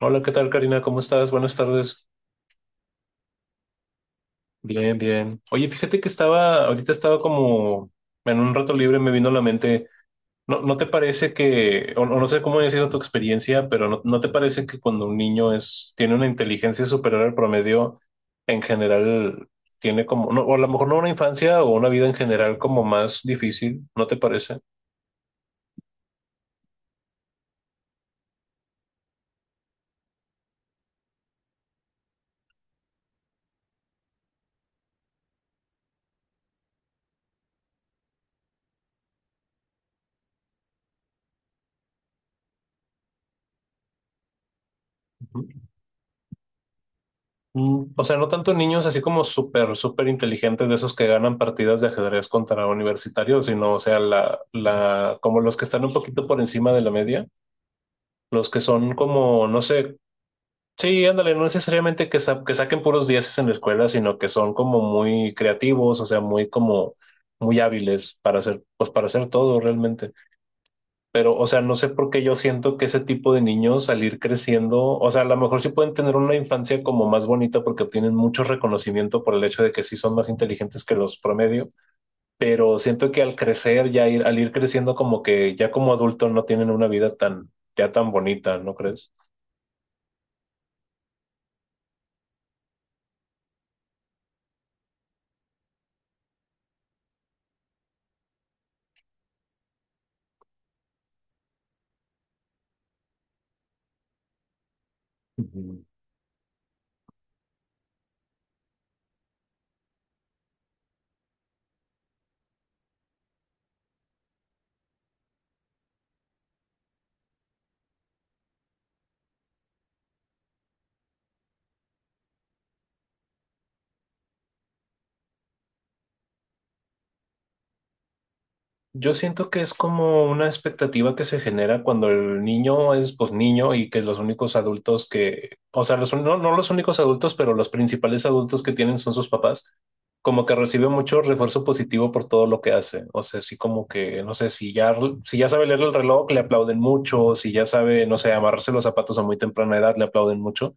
Hola, ¿qué tal, Karina? ¿Cómo estás? Buenas tardes. Bien, bien. Oye, fíjate que estaba como en un rato libre, me vino a la mente. ¿No te parece que, o no sé cómo ha sido tu experiencia, pero no te parece que cuando un tiene una inteligencia superior al promedio, en general tiene como, no, o a lo mejor no una infancia o una vida en general como más difícil, ¿no te parece? O sea, no tanto niños así como súper inteligentes de esos que ganan partidas de ajedrez contra universitarios, sino, o sea, como los que están un poquito por encima de la media, los que son como, no sé, sí, ándale, no necesariamente que, que saquen puros dieces en la escuela, sino que son como muy creativos, o sea, muy como, muy hábiles para hacer, pues para hacer todo realmente. Pero, o sea, no sé por qué yo siento que ese tipo de niños al ir creciendo, o sea, a lo mejor sí pueden tener una infancia como más bonita porque obtienen mucho reconocimiento por el hecho de que sí son más inteligentes que los promedio, pero siento que al crecer, al ir creciendo como que ya como adulto no tienen una vida tan, ya tan bonita, ¿no crees? Ujú. Yo siento que es como una expectativa que se genera cuando el niño es pues niño y que los únicos adultos que, o sea, no los únicos adultos, pero los principales adultos que tienen son sus papás, como que recibe mucho refuerzo positivo por todo lo que hace. O sea, sí como que, no sé, si ya sabe leer el reloj, le aplauden mucho, si ya sabe, no sé, amarrarse los zapatos a muy temprana edad, le aplauden mucho.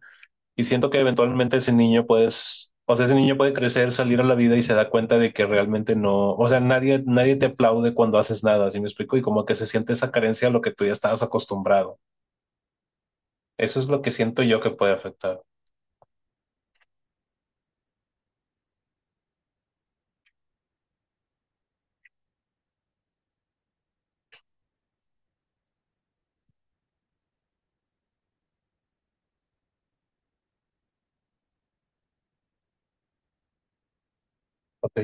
Y siento que eventualmente ese o sea, ese niño puede crecer, salir a la vida y se da cuenta de que realmente no, o sea, nadie te aplaude cuando haces nada, ¿sí me explico? Y como que se siente esa carencia a lo que tú ya estabas acostumbrado. Eso es lo que siento yo que puede afectar. Ok.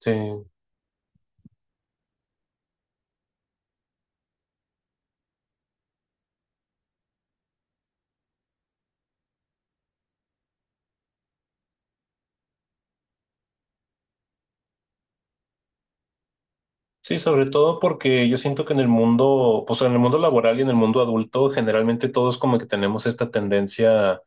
Sí. Sí, sobre todo porque yo siento que en el mundo, pues en el mundo laboral y en el mundo adulto, generalmente todos como que tenemos esta tendencia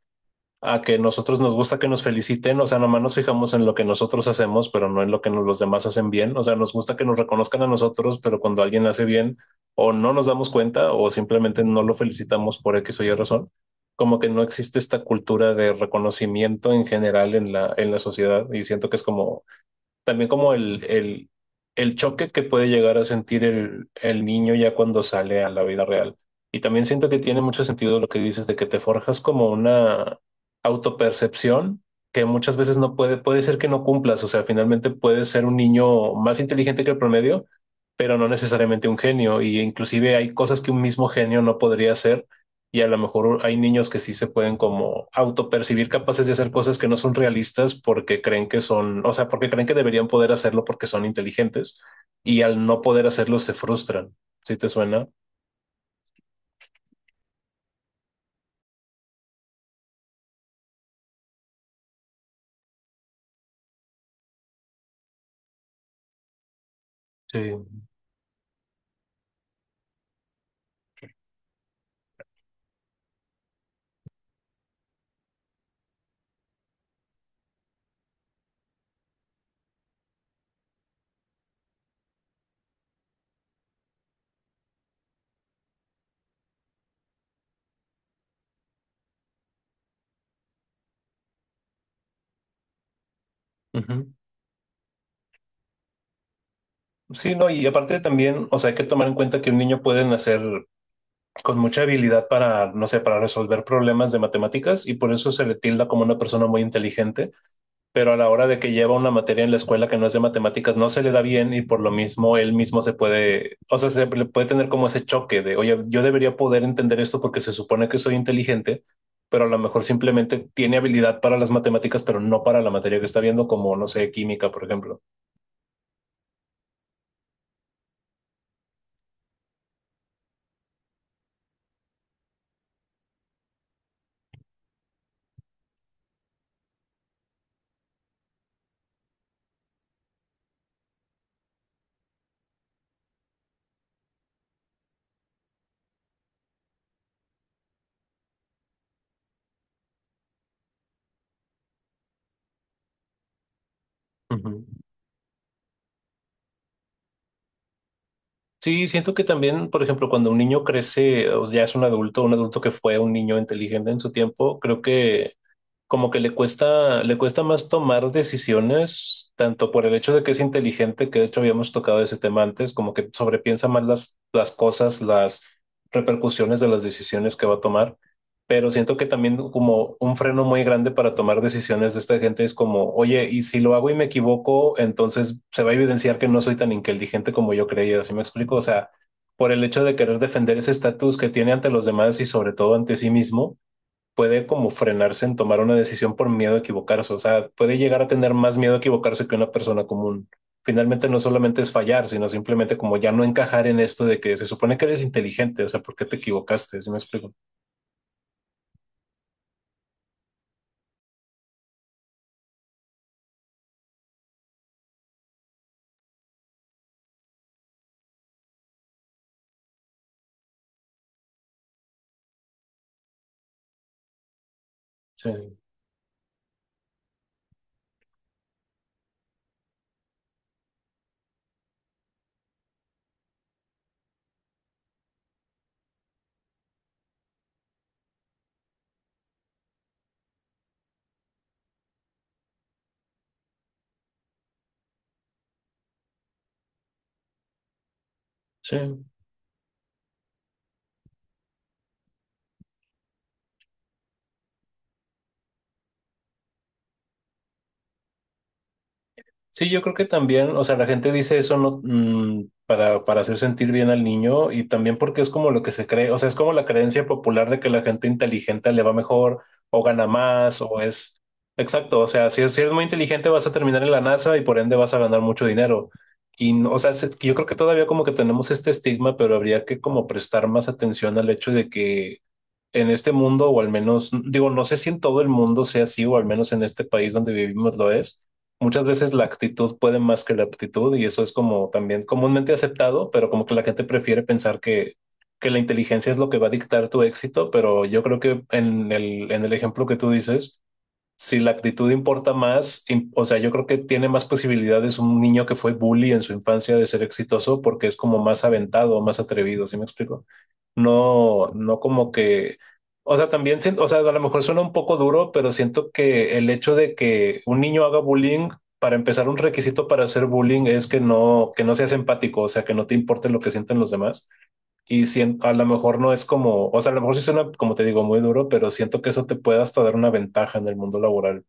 a que nosotros nos gusta que nos feliciten, o sea, nomás nos fijamos en lo que nosotros hacemos, pero no en lo que los demás hacen bien, o sea, nos gusta que nos reconozcan a nosotros, pero cuando alguien hace bien, o no nos damos cuenta, o simplemente no lo felicitamos por X o Y razón, como que no existe esta cultura de reconocimiento en general en en la sociedad, y siento que es como también como el choque que puede llegar a sentir el niño ya cuando sale a la vida real. Y también siento que tiene mucho sentido lo que dices de que te forjas como una autopercepción que muchas veces no puede ser que no cumplas. O sea, finalmente puedes ser un niño más inteligente que el promedio, pero no necesariamente un genio. Y inclusive hay cosas que un mismo genio no podría hacer y a lo mejor hay niños que sí se pueden como autopercibir capaces de hacer cosas que no son realistas porque creen que son, o sea, porque creen que deberían poder hacerlo porque son inteligentes y al no poder hacerlo se frustran. ¿Sí te suena? Sí. Ujú. Sí, no, y aparte también, o sea, hay que tomar en cuenta que un niño puede nacer con mucha habilidad para, no sé, para resolver problemas de matemáticas y por eso se le tilda como una persona muy inteligente, pero a la hora de que lleva una materia en la escuela que no es de matemáticas, no se le da bien y por lo mismo él mismo se puede, o sea, se le puede tener como ese choque de, oye, yo debería poder entender esto porque se supone que soy inteligente, pero a lo mejor simplemente tiene habilidad para las matemáticas, pero no para la materia que está viendo, como, no sé, química, por ejemplo. Ujú. Sí, siento que también, por ejemplo, cuando un niño crece, o ya es un adulto que fue un niño inteligente en su tiempo, creo que como que le cuesta más tomar decisiones, tanto por el hecho de que es inteligente, que de hecho habíamos tocado ese tema antes, como que sobrepiensa más las cosas, las repercusiones de las decisiones que va a tomar, pero siento que también como un freno muy grande para tomar decisiones de esta gente es como, oye, y si lo hago y me equivoco, entonces se va a evidenciar que no soy tan inteligente como yo creía, ¿sí me explico? O sea, por el hecho de querer defender ese estatus que tiene ante los demás y sobre todo ante sí mismo puede como frenarse en tomar una decisión por miedo a equivocarse. O sea, puede llegar a tener más miedo a equivocarse que una persona común. Finalmente no solamente es fallar, sino simplemente como ya no encajar en esto de que se supone que eres inteligente, o sea, ¿por qué te equivocaste? Si me explico. Sí, sí. Sí, yo creo que también, o sea, la gente dice eso no, para hacer sentir bien al niño y también porque es como lo que se cree, o sea, es como la creencia popular de que la gente inteligente le va mejor o gana más o es... Exacto, o sea, si eres muy inteligente vas a terminar en la NASA y por ende vas a ganar mucho dinero. Y, o sea, yo creo que todavía como que tenemos este estigma, pero habría que como prestar más atención al hecho de que en este mundo, o al menos, digo, no sé si en todo el mundo sea así, o al menos en este país donde vivimos lo es. Muchas veces la actitud puede más que la aptitud, y eso es como también comúnmente aceptado, pero como que la gente prefiere pensar que la inteligencia es lo que va a dictar tu éxito, pero yo creo que en en el ejemplo que tú dices, si la actitud importa más, o sea, yo creo que tiene más posibilidades un niño que fue bully en su infancia de ser exitoso porque es como más aventado, más atrevido, ¿sí me explico? No como que, o sea, también, o sea, a lo mejor suena un poco duro, pero siento que el hecho de que un niño haga bullying, para empezar, un requisito para hacer bullying es que no seas empático, o sea, que no te importe lo que sienten los demás. Y a lo mejor no es como, o sea, a lo mejor sí suena, como te digo, muy duro, pero siento que eso te puede hasta dar una ventaja en el mundo laboral.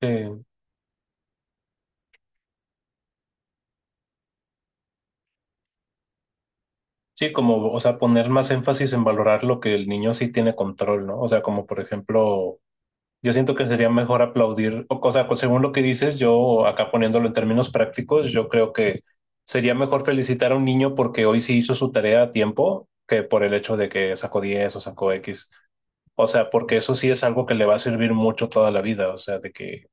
Eh, sí, como, o sea, poner más énfasis en valorar lo que el niño sí tiene control, ¿no? O sea, como por ejemplo, yo siento que sería mejor aplaudir, o sea, según lo que dices, yo acá poniéndolo en términos prácticos, yo creo que sería mejor felicitar a un niño porque hoy sí hizo su tarea a tiempo que por el hecho de que sacó 10 o sacó X. O sea, porque eso sí es algo que le va a servir mucho toda la vida. O sea, de que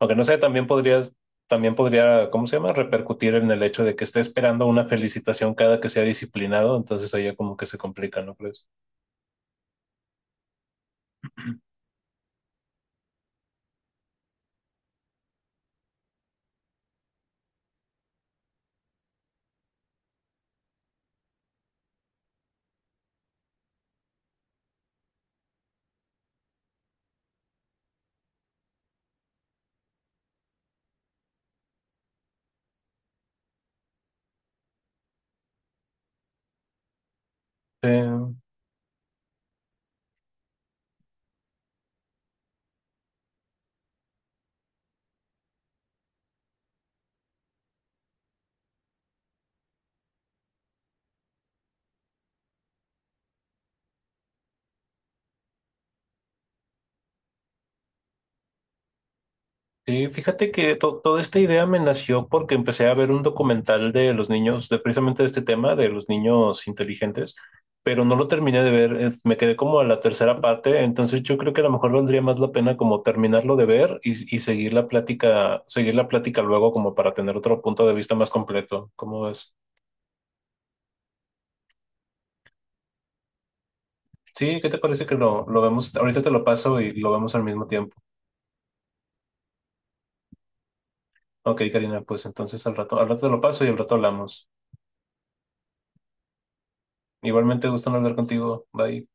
aunque no sé, también podrías, también podría, ¿cómo se llama? Repercutir en el hecho de que esté esperando una felicitación cada que sea disciplinado, entonces ahí ya como que se complica, ¿no crees? Eh, sí, fíjate que toda esta idea me nació porque empecé a ver un documental de los niños, de precisamente de este tema, de los niños inteligentes, pero no lo terminé de ver, me quedé como a la tercera parte, entonces yo creo que a lo mejor valdría más la pena como terminarlo de ver y seguir la plática luego como para tener otro punto de vista más completo. ¿Cómo ves? Sí, ¿qué te parece que lo vemos? Ahorita te lo paso y lo vemos al mismo tiempo. Ok, Karina, pues entonces al rato te lo paso y al rato hablamos. Igualmente, gusto en hablar contigo. Bye.